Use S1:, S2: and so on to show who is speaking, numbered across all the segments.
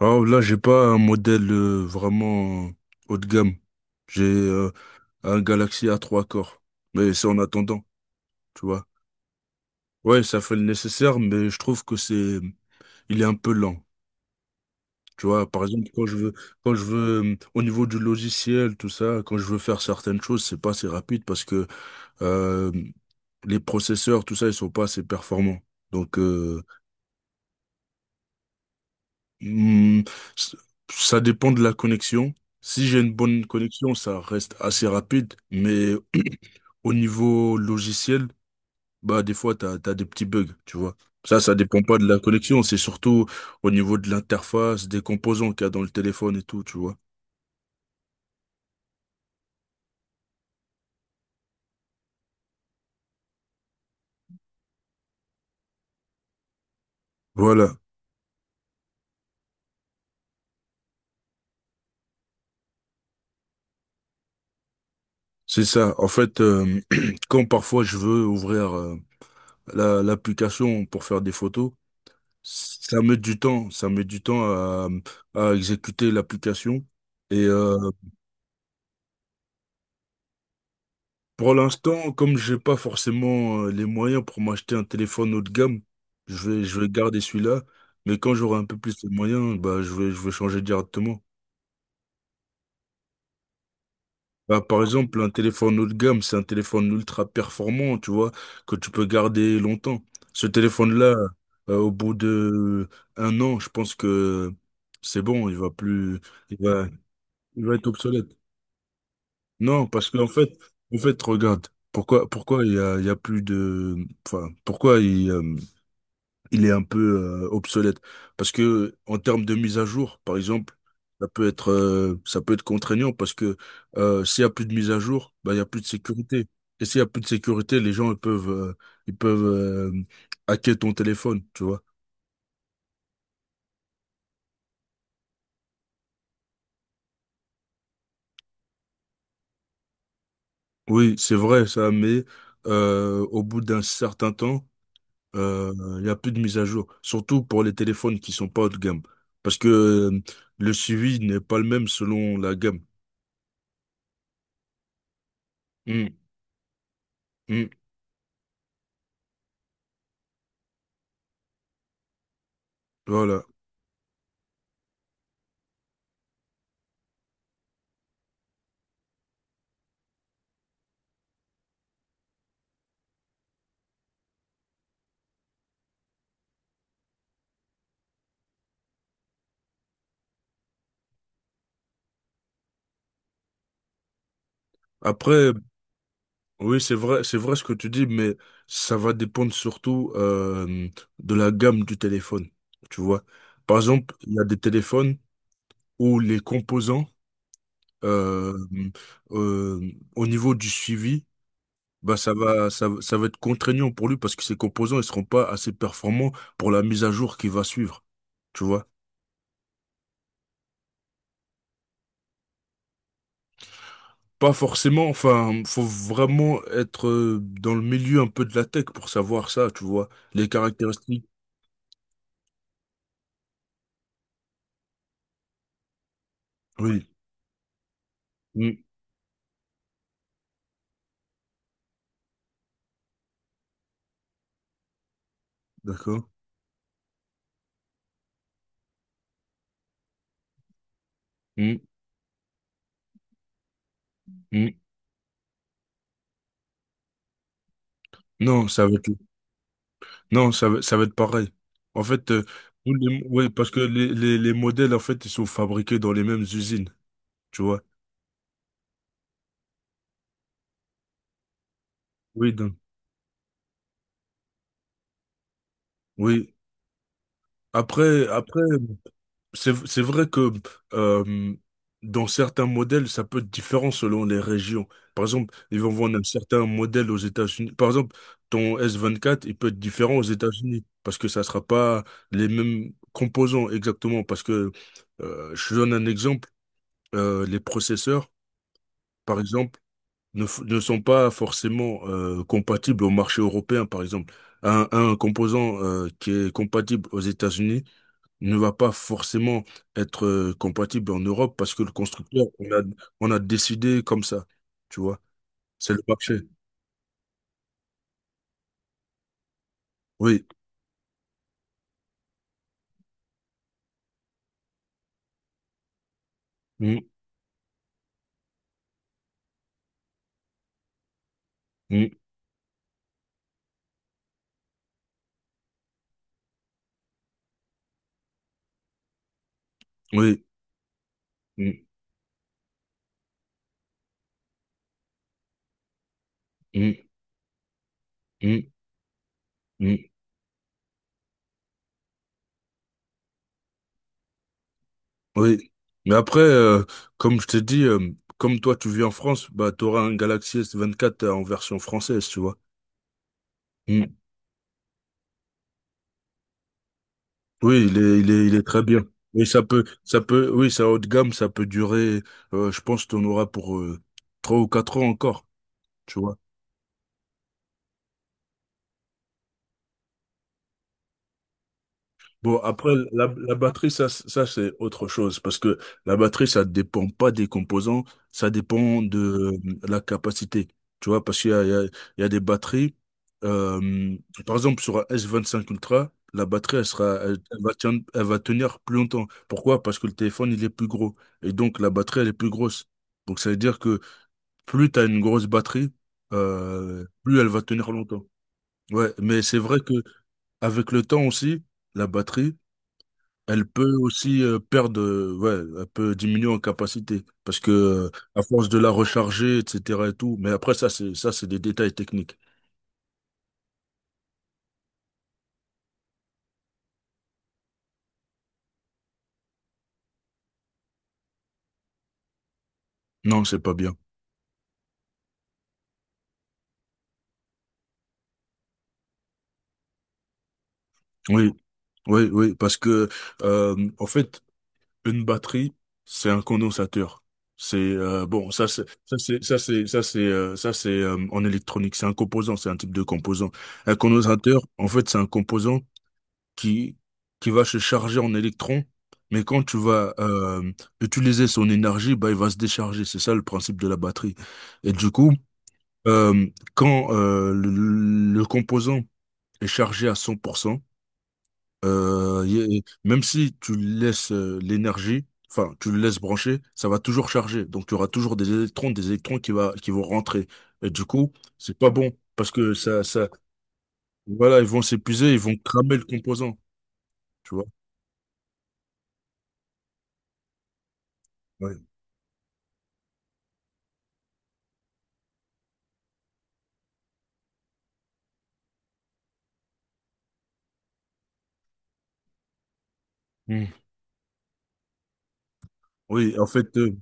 S1: Alors là, j'ai pas un modèle vraiment haut de gamme. J'ai un Galaxy a trois corps. Mais c'est en attendant, tu vois. Ouais, ça fait le nécessaire, mais je trouve que c'est, il est un peu lent. Tu vois, par exemple, quand je veux, au niveau du logiciel, tout ça, quand je veux faire certaines choses, c'est pas assez rapide parce que euh, les processeurs, tout ça, ils sont pas assez performants. Donc, euh, Hmm, s- Ça dépend de la connexion. Si j'ai une bonne connexion, ça reste assez rapide, mais au niveau logiciel, bah des fois t'as des petits bugs, tu vois. Ça dépend pas de la connexion, c'est surtout au niveau de l'interface, des composants qu'il y a dans le téléphone et tout, tu vois. Voilà, c'est ça. En fait, quand parfois je veux ouvrir l'application pour faire des photos, ça met du temps, ça met du temps à exécuter l'application. Et euh, Pour l'instant, comme j'ai pas forcément les moyens pour m'acheter un téléphone haut de gamme, je vais garder celui-là. Mais quand j'aurai un peu plus de moyens, bah, je vais changer directement. Bah, par exemple, un téléphone haut de gamme, c'est un téléphone ultra performant, tu vois, que tu peux garder longtemps. Ce téléphone-là, au bout de un an, je pense que c'est bon, il va plus, il va, il va être obsolète. Non, parce qu'en fait, regarde, pourquoi il y a plus de, enfin, il est un peu obsolète. Parce que en termes de mise à jour, par exemple, ça peut être contraignant parce que s'il y a plus de mise à jour, bah, il y a plus de sécurité. Et s'il y a plus de sécurité, les gens ils peuvent ils peuvent euh, hacker ton téléphone, tu vois. Oui, c'est vrai ça, mais au bout d'un certain temps, euh, il y a plus de mise à jour, surtout pour les téléphones qui sont pas haut de gamme, parce que le suivi n'est pas le même selon la gamme. Hmm, hmm, voilà. Après. Oui, c'est vrai ce que tu dis, mais ça va dépendre surtout de la gamme du téléphone, tu vois. Par exemple, il y a des téléphones où les composants, euh, au niveau du suivi, bah ça va être contraignant pour lui parce que ces composants, ils seront pas assez performants pour la mise à jour qui va suivre, tu vois. Pas forcément, enfin, faut vraiment être dans le milieu un peu de la tech pour savoir ça, tu vois. Les caractéristiques. Oui. Mm. D'accord. Mmh. Mm. Non, non, ça va être pareil. En fait, ouais, parce que les modèles, en fait, ils sont fabriqués dans les mêmes usines, tu vois. Oui, donc, oui. Après, c'est vrai que euh, dans certains modèles, ça peut être différent selon les régions. Par exemple, ils vont vendre un certain modèle aux États-Unis. Par exemple, ton S24, il peut être différent aux États-Unis parce que ça sera pas les mêmes composants exactement. Parce que je te donne un exemple les processeurs, par exemple, ne sont pas forcément compatibles au marché européen, par exemple. Un composant qui est compatible aux États-Unis ne va pas forcément être compatible en Europe parce que le constructeur, on a décidé comme ça. Tu vois, c'est le marché. Oui, mm, mm, oui, mm, mm, mm, mm, oui. Mais après, comme je t'ai dit, comme toi, tu vis en France, bah, tu auras un Galaxy S24 en version française, tu vois. Mmh. Oui, il est très bien. Et oui, ça haut de gamme, ça peut durer, je pense qu'on aura pour 3 ou 4 ans encore, tu vois. Bon, après, la batterie, ça c'est autre chose, parce que la batterie, ça dépend pas des composants, ça dépend de la capacité, tu vois, parce qu'il y a des batteries, euh, par exemple, sur un S25 Ultra, la batterie, elle va tenir plus longtemps. Pourquoi? Parce que le téléphone, il est plus gros, et donc la batterie, elle est plus grosse. Donc, ça veut dire que plus tu as une grosse batterie, plus elle va tenir longtemps. Ouais, mais c'est vrai que avec le temps aussi, la batterie, elle peut aussi ouais, elle peut diminuer en capacité parce que à force de la recharger, etc. et tout. Mais après ça, c'est des détails techniques. Non, c'est pas bien. Oui, oui, oui, parce que en fait, une batterie, c'est un condensateur. C'est bon, ça c'est en électronique, c'est un composant, c'est un type de composant. Un condensateur, en fait, c'est un composant qui, qui va se charger en électrons, mais quand tu vas utiliser son énergie, bah, il va se décharger. C'est ça le principe de la batterie. Et du coup, euh, quand le composant est chargé à 100%, même si tu laisses l'énergie, enfin, tu le laisses brancher, ça va toujours charger. Donc, tu auras toujours des électrons qui vont rentrer. Et du coup, c'est pas bon parce que voilà, ils vont s'épuiser, ils vont cramer le composant, tu vois. Ouais. Oui, en fait,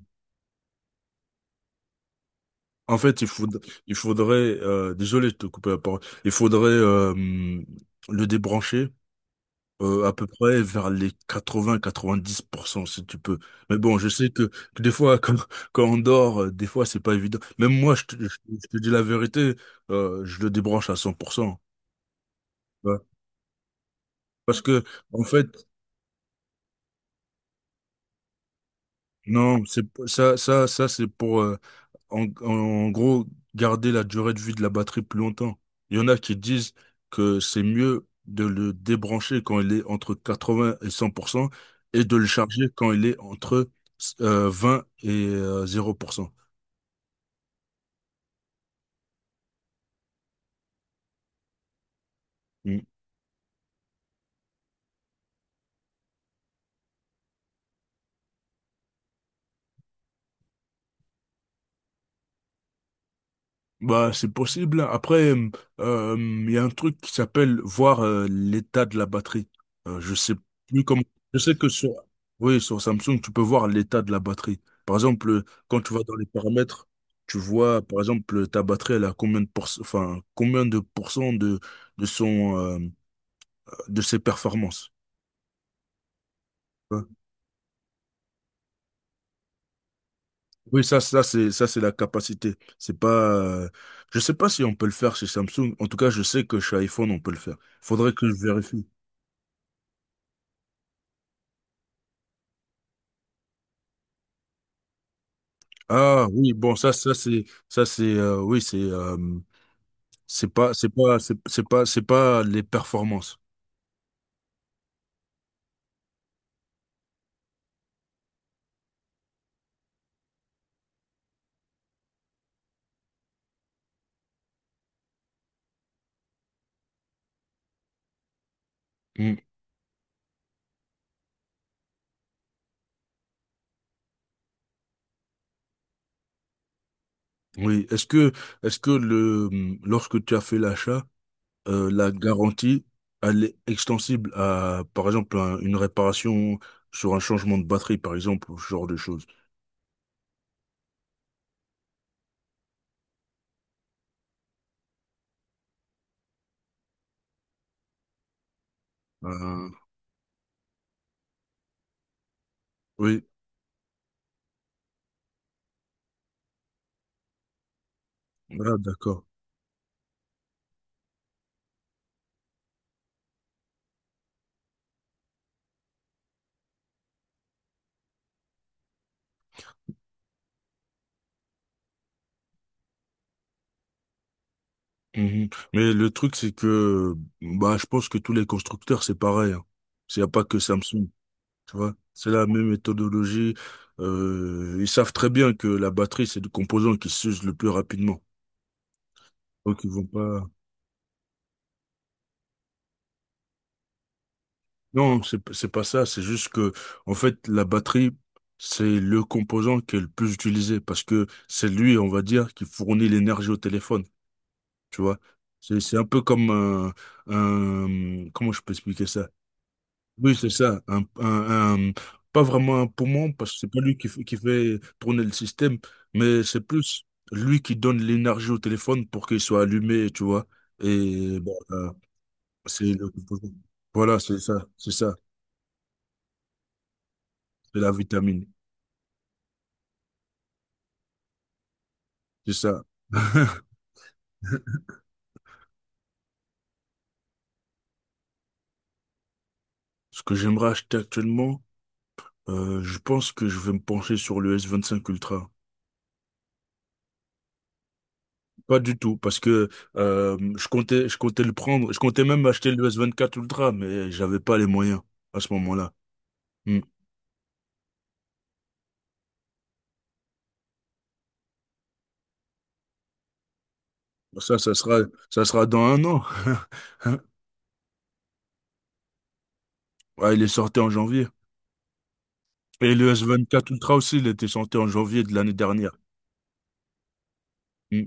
S1: en fait, il faudrait, il faudrait, désolé de te couper la parole. Il faudrait le débrancher à peu près vers les 80-90% si tu peux. Mais bon, je sais que des fois, quand on dort, des fois, c'est pas évident. Même moi, je te dis la vérité, je le débranche à 100%. Tu vois. Parce que, en fait, non, c'est ça, ça, ça, c'est pour en gros, garder la durée de vie de la batterie plus longtemps. Il y en a qui disent que c'est mieux de le débrancher quand il est entre 80 et 100% et de le charger quand il est entre 20 et 0%. Bah, c'est possible. Après, il y a un truc qui s'appelle voir l'état de la batterie. Je sais plus comment. Je sais que oui, sur Samsung, tu peux voir l'état de la batterie. Par exemple, quand tu vas dans les paramètres, tu vois, par exemple, ta batterie, elle a combien de enfin, combien de pourcents de de ses performances. Ouais. Oui, c'est, c'est la capacité. C'est pas, euh, je sais pas si on peut le faire chez Samsung. En tout cas, je sais que chez iPhone, on peut le faire. Faudrait que je vérifie. Ah oui, bon ça ça c'est oui c'est pas les performances. Mm. Oui, est-ce que lorsque tu as fait l'achat, la garantie elle est extensible à par exemple une réparation sur un changement de batterie par exemple, ou ce genre de choses. Euh, oui, ah, d'accord. Mhm. Mais le truc c'est que bah je pense que tous les constructeurs c'est pareil. Hein. Il n'y a pas que Samsung. Tu vois, c'est la même méthodologie. Ils savent très bien que la batterie, c'est le composant qui s'use le plus rapidement. Donc ils vont pas. Non, c'est pas ça. C'est juste que, en fait, la batterie, c'est le composant qui est le plus utilisé parce que c'est lui, on va dire, qui fournit l'énergie au téléphone. Tu vois, c'est un peu comme un, comment je peux expliquer ça? Oui, c'est ça. Pas vraiment un poumon, parce que c'est pas lui qui fait tourner le système, mais c'est plus lui qui donne l'énergie au téléphone pour qu'il soit allumé, tu vois. Et bon, c'est le- voilà, c'est la vitamine, c'est ça. Ce que j'aimerais acheter actuellement, je pense que je vais me pencher sur le S25 Ultra. Pas du tout, parce que je comptais le prendre, je comptais même acheter le S24 Ultra, mais j'avais pas les moyens à ce moment-là. Hmm. Ça, ça sera, ça sera dans un an. Ouais, il est sorti en janvier. Et le S24 Ultra aussi, il était sorti en janvier de l'année dernière. Mm,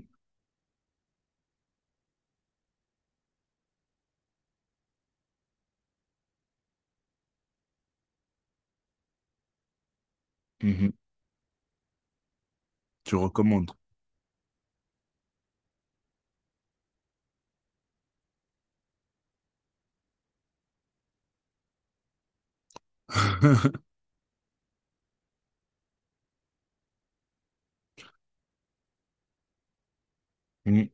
S1: mhm. Tu recommandes. Mm.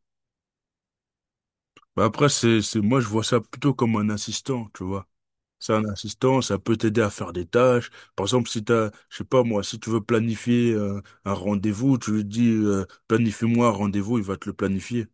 S1: Bah. Après, moi, je vois ça plutôt comme un assistant, tu vois. C'est un assistant, ça peut t'aider à faire des tâches. Par exemple, si t'as, je sais pas moi, si tu veux planifier un rendez-vous, tu lui dis planifie-moi un rendez-vous, il va te le planifier.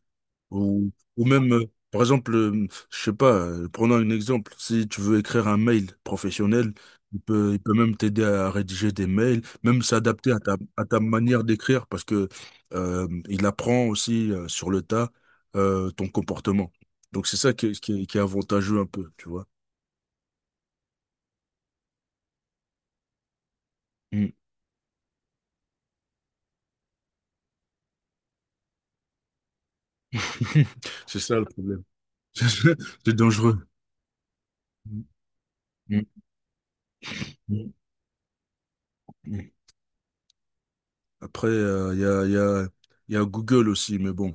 S1: Ou, ou même, par exemple, je sais pas, prenons un exemple. Si tu veux écrire un mail professionnel, il peut même t'aider à rédiger des mails, même s'adapter à ta manière d'écrire, parce que il apprend aussi sur le tas ton comportement. Donc c'est ça qui est avantageux un peu, tu vois. Mm. C'est ça le problème. C'est dangereux. Mm, mm, mm. Mm. Après, il y a, y a, y a Google aussi, mais bon.